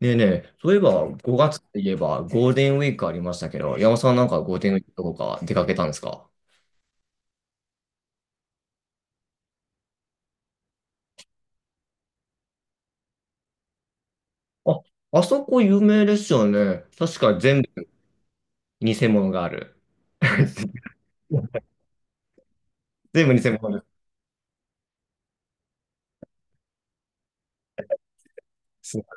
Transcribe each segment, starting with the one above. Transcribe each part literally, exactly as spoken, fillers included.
ねえねえ、そういえばごがつといえばゴールデンウィークありましたけど、山本さんなんかゴールデンウィークどこか出かけたんですか？あ、あそこ有名ですよね。確か全部偽物がある。全部偽物です。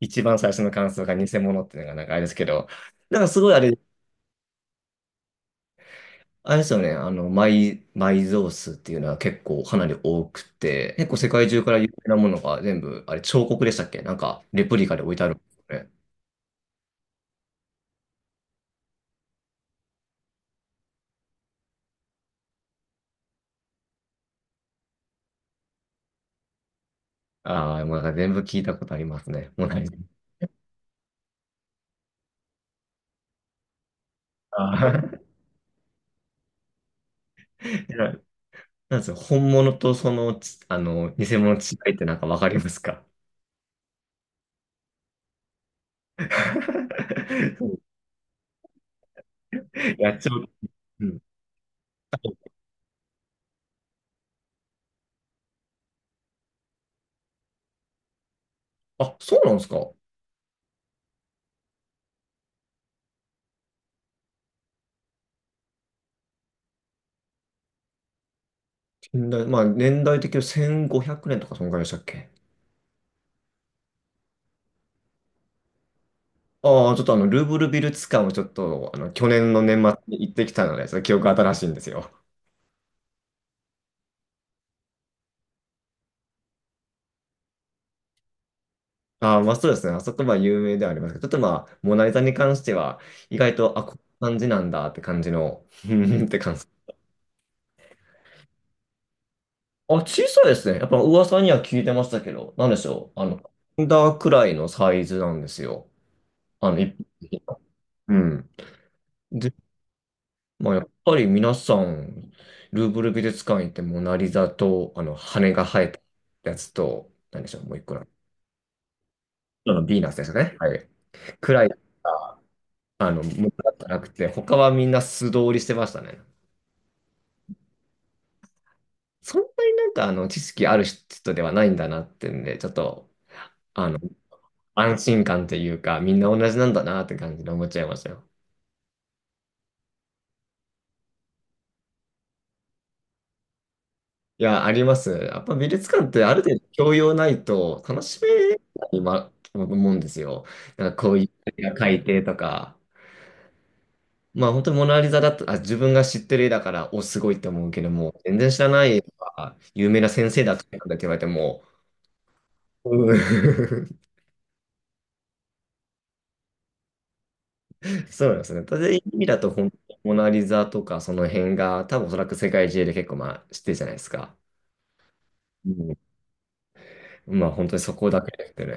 一番最初の感想が偽物っていうのがなんかあれですけど、なんかすごいあれ、あれですよね、あの、埋、埋蔵数っていうのは結構かなり多くて、結構世界中から有名なものが全部、あれ彫刻でしたっけ？なんかレプリカで置いてあるんですよね。ああ、なんか全部聞いたことありますね。もうない。あー。 ななんですよ、本物とそのち、あの、偽物の違いってなんかわかりますか？ そう、やっちゃう。うん。あ、そうなんですか。近代、まあ、年代的にせんごひゃくねんとかそんぐらいでしたっけ？ああー、ちょっとあの、ルーブル美術館をちょっと、あの、去年の年末に行ってきたので、その記憶新しいんですよ。ああ、まあそうですね。あそこは有名ではありますけど、ちょっとまあ、モナリザに関しては、意外と、あ、こんな感じなんだって感じの、うんって感じ。あ、小さいですね。やっぱ噂には聞いてましたけど、なんでしょう。あの、ハンダーくらいのサイズなんですよ。あの、一般的な。うん。で、まあ、やっぱり皆さん、ルーブル美術館行ってモナリザと、あの、羽が生えたやつと、なんでしょう、もう一個の、あの、ヴィーナスですね。はい。くらい、あの、ものだったらなくて、他はみんな素通りしてましたね。そんなになんか、あの、知識ある人ではないんだなってんで、ちょっと、安心感というか、みんな同じなんだなって感じで思っちゃいましたよ。いや、あります。やっぱ美術館ってある程度教養ないと楽しめないまと思うんですよ。なんかこういう絵が描いてとか。まあ本当にモナリザだと、あ、自分が知ってる絵だから、お、すごいって思うけども、全然知らない絵とか、有名な先生だとかって言われても、うん。 そうなんですね。ただ意味だと本当にモナリザとかその辺が、多分おそらく世界中で結構まあ知ってるじゃないですか。うん、まあ本当にそこだけですね。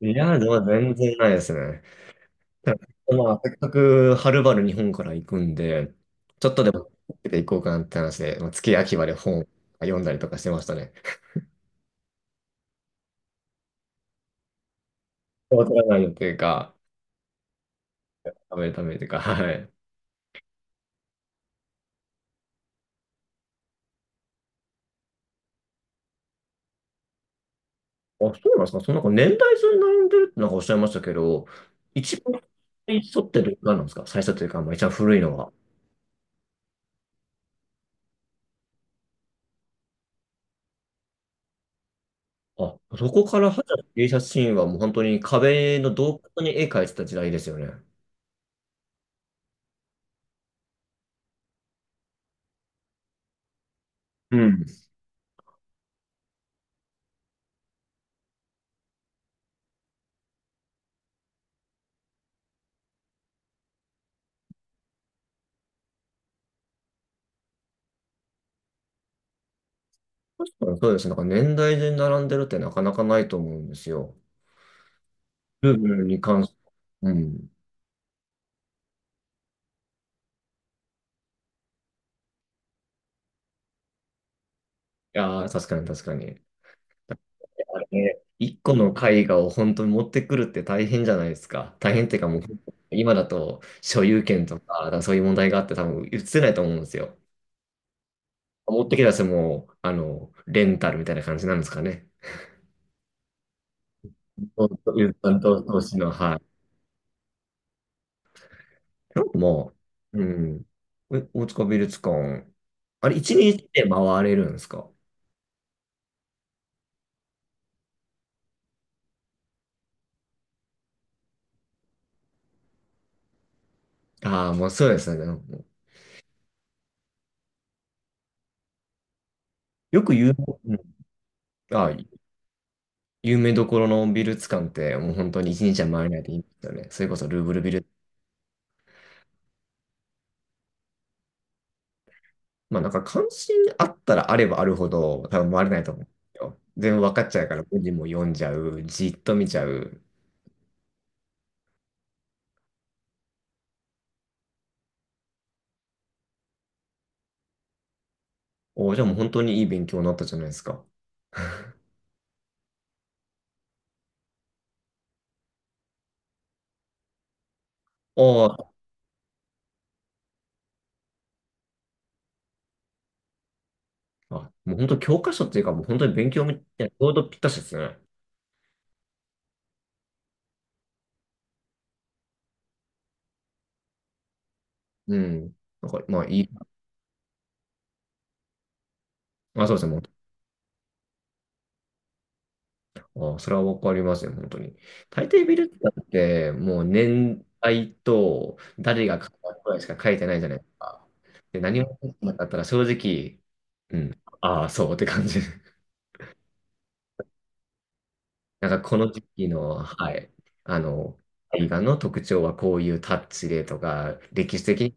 いや、でも全然ないですね。ただまあ、せっかくはるばる日本から行くんで、ちょっとでも行こうかなって話で、まあ、月秋まで本読んだりとかしてましたね。おらないよっていうか、食べるためというか、はい。あ、そうなんですか。そのなんか年代順に並んでるってなんかおっしゃいましたけど、一番最初ってどれなんですか？最初というか、まあ、一番古いのは。あ、そこから始まった芸術シーンはもう本当に壁の洞窟に絵描いてた時代ですよね。うん、確かにそうですね。なんか年代順に並んでるってなかなかないと思うんですよ。部分に関して。うん。いやー、確かに確かに。いやね、一個の絵画を本当に持ってくるって大変じゃないですか。大変っていうかもう、今だと所有権とか、だからそういう問題があって多分映せないと思うんですよ。持ってきた人も、あの、レンタルみたいな感じなんですかね。そうそう、担当投資の、はい。なんかもう、うん。え、大塚美術館、あれ、一日で回れるんですか？ああ、もうそうですね。もうよく有名、うん、ああ、有名どころの美術館ってもう本当に一日は回れないでいいんですよね。それこそルーブル美術。まあなんか関心あったらあればあるほど多分回れないと思うんですよ。全部分かっちゃうから文字も読んじゃう。じっと見ちゃう。おー、じゃあもう本当にいい勉強になったじゃないですか。おー、あ、もう本当教科書っていうかもう本当に勉強みたいな、ちょうどぴったしですね。うん。なんかまあいい。あ、そうですね。ああ、それはわかりますね、本当に。大抵ビルダーって、もう年代と誰が買ったくらいしか書いてないじゃないですか。で、何も書いてなかったら正直、うん、ああ、そうって感じ。なんかこの時期の、はい、あの、映画の特徴はこういうタッチでとか、歴史的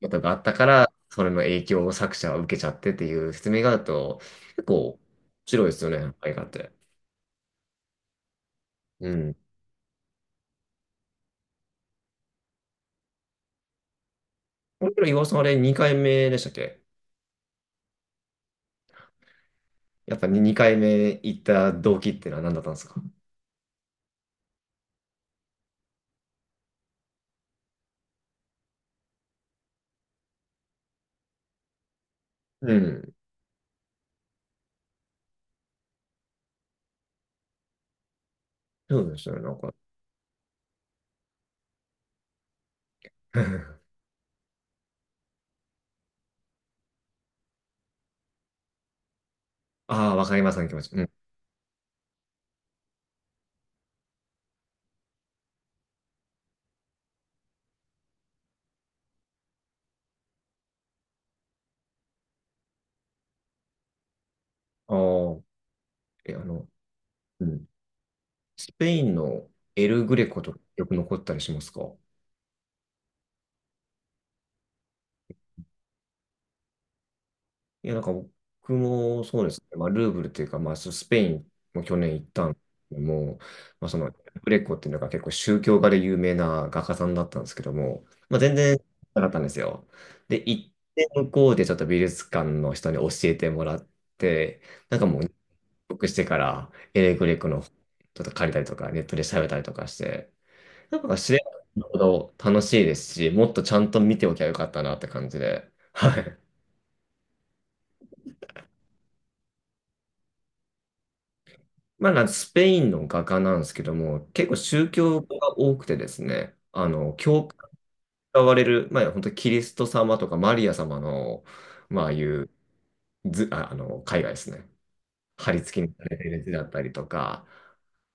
なことがあったから、それの影響を作者は受けちゃってっていう説明があると、結構面白いですよね、映画って。うん。これ、岩尾さん、あれにかいめでしたっけ？やっぱにかいめ行った動機ってのは何だったんですか？うん。そうでしたね、なんか。ああ、わかりますね、その気持ち。うん。ああ、え、あの、うん。スペインのエルグレコとかよく残ったりしますか？いや、なんか僕もそうですね。まあ、ルーブルっていうか、まあ、スペインも去年行ったんですけども、まあ、その、グレコっていうのが結構宗教画で有名な画家さんだったんですけども、まあ、全然なかったんですよ。で、行って向こうでちょっと美術館の人に教えてもらって、なんかもう入国してから、エレグレコのちょっと借りたりとか、ネットで調べたりとかして、なんか知れば知るほど楽しいですし、もっとちゃんと見ておきゃよかったなって感じで、はい。まあ、なんかスペインの画家なんですけども、結構宗教が多くてですね、あの、教会が割れる、まあ、本当にキリスト様とかマリア様の、まあ、ああいうず、あ、あの、絵画ですね。貼り付きにされてる図だったりとか、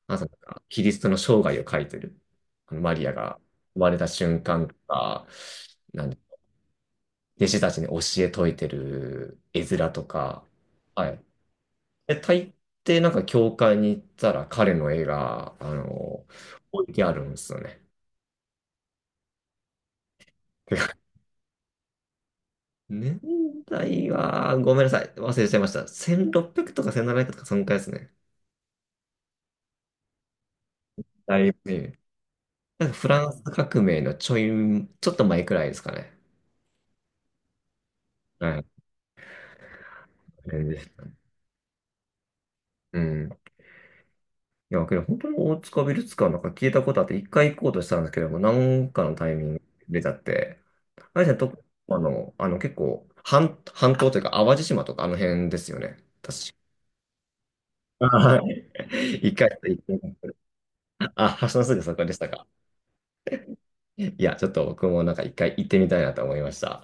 あとなんかキリストの生涯を描いてる、あのマリアが生まれた瞬間とか、なん弟子たちに教え説いてる絵面とか、はい。え、大抵なんか教会に行ったら彼の絵が、あの、置いてあるんですよね。てか、 年代は、ごめんなさい。忘れちゃいました。せんろっぴゃくとかせんななひゃくとかそのくらいですね。だいぶね。なんかフランス革命のちょい、ちょっと前くらいですかね。はい。全然、うん。いや、けど本当に大塚ビルツ館なんか聞いたことあって、一回行こうとしたんですけども、なんかのタイミング出ちゃって、あれじゃと、あの、あの結構半、半島というか淡路島とかあの辺ですよね。確か。はい。一回行ってみた、あ、橋のすぐそこでしたか。いや、ちょっと僕もなんか一回行ってみたいなと思いました。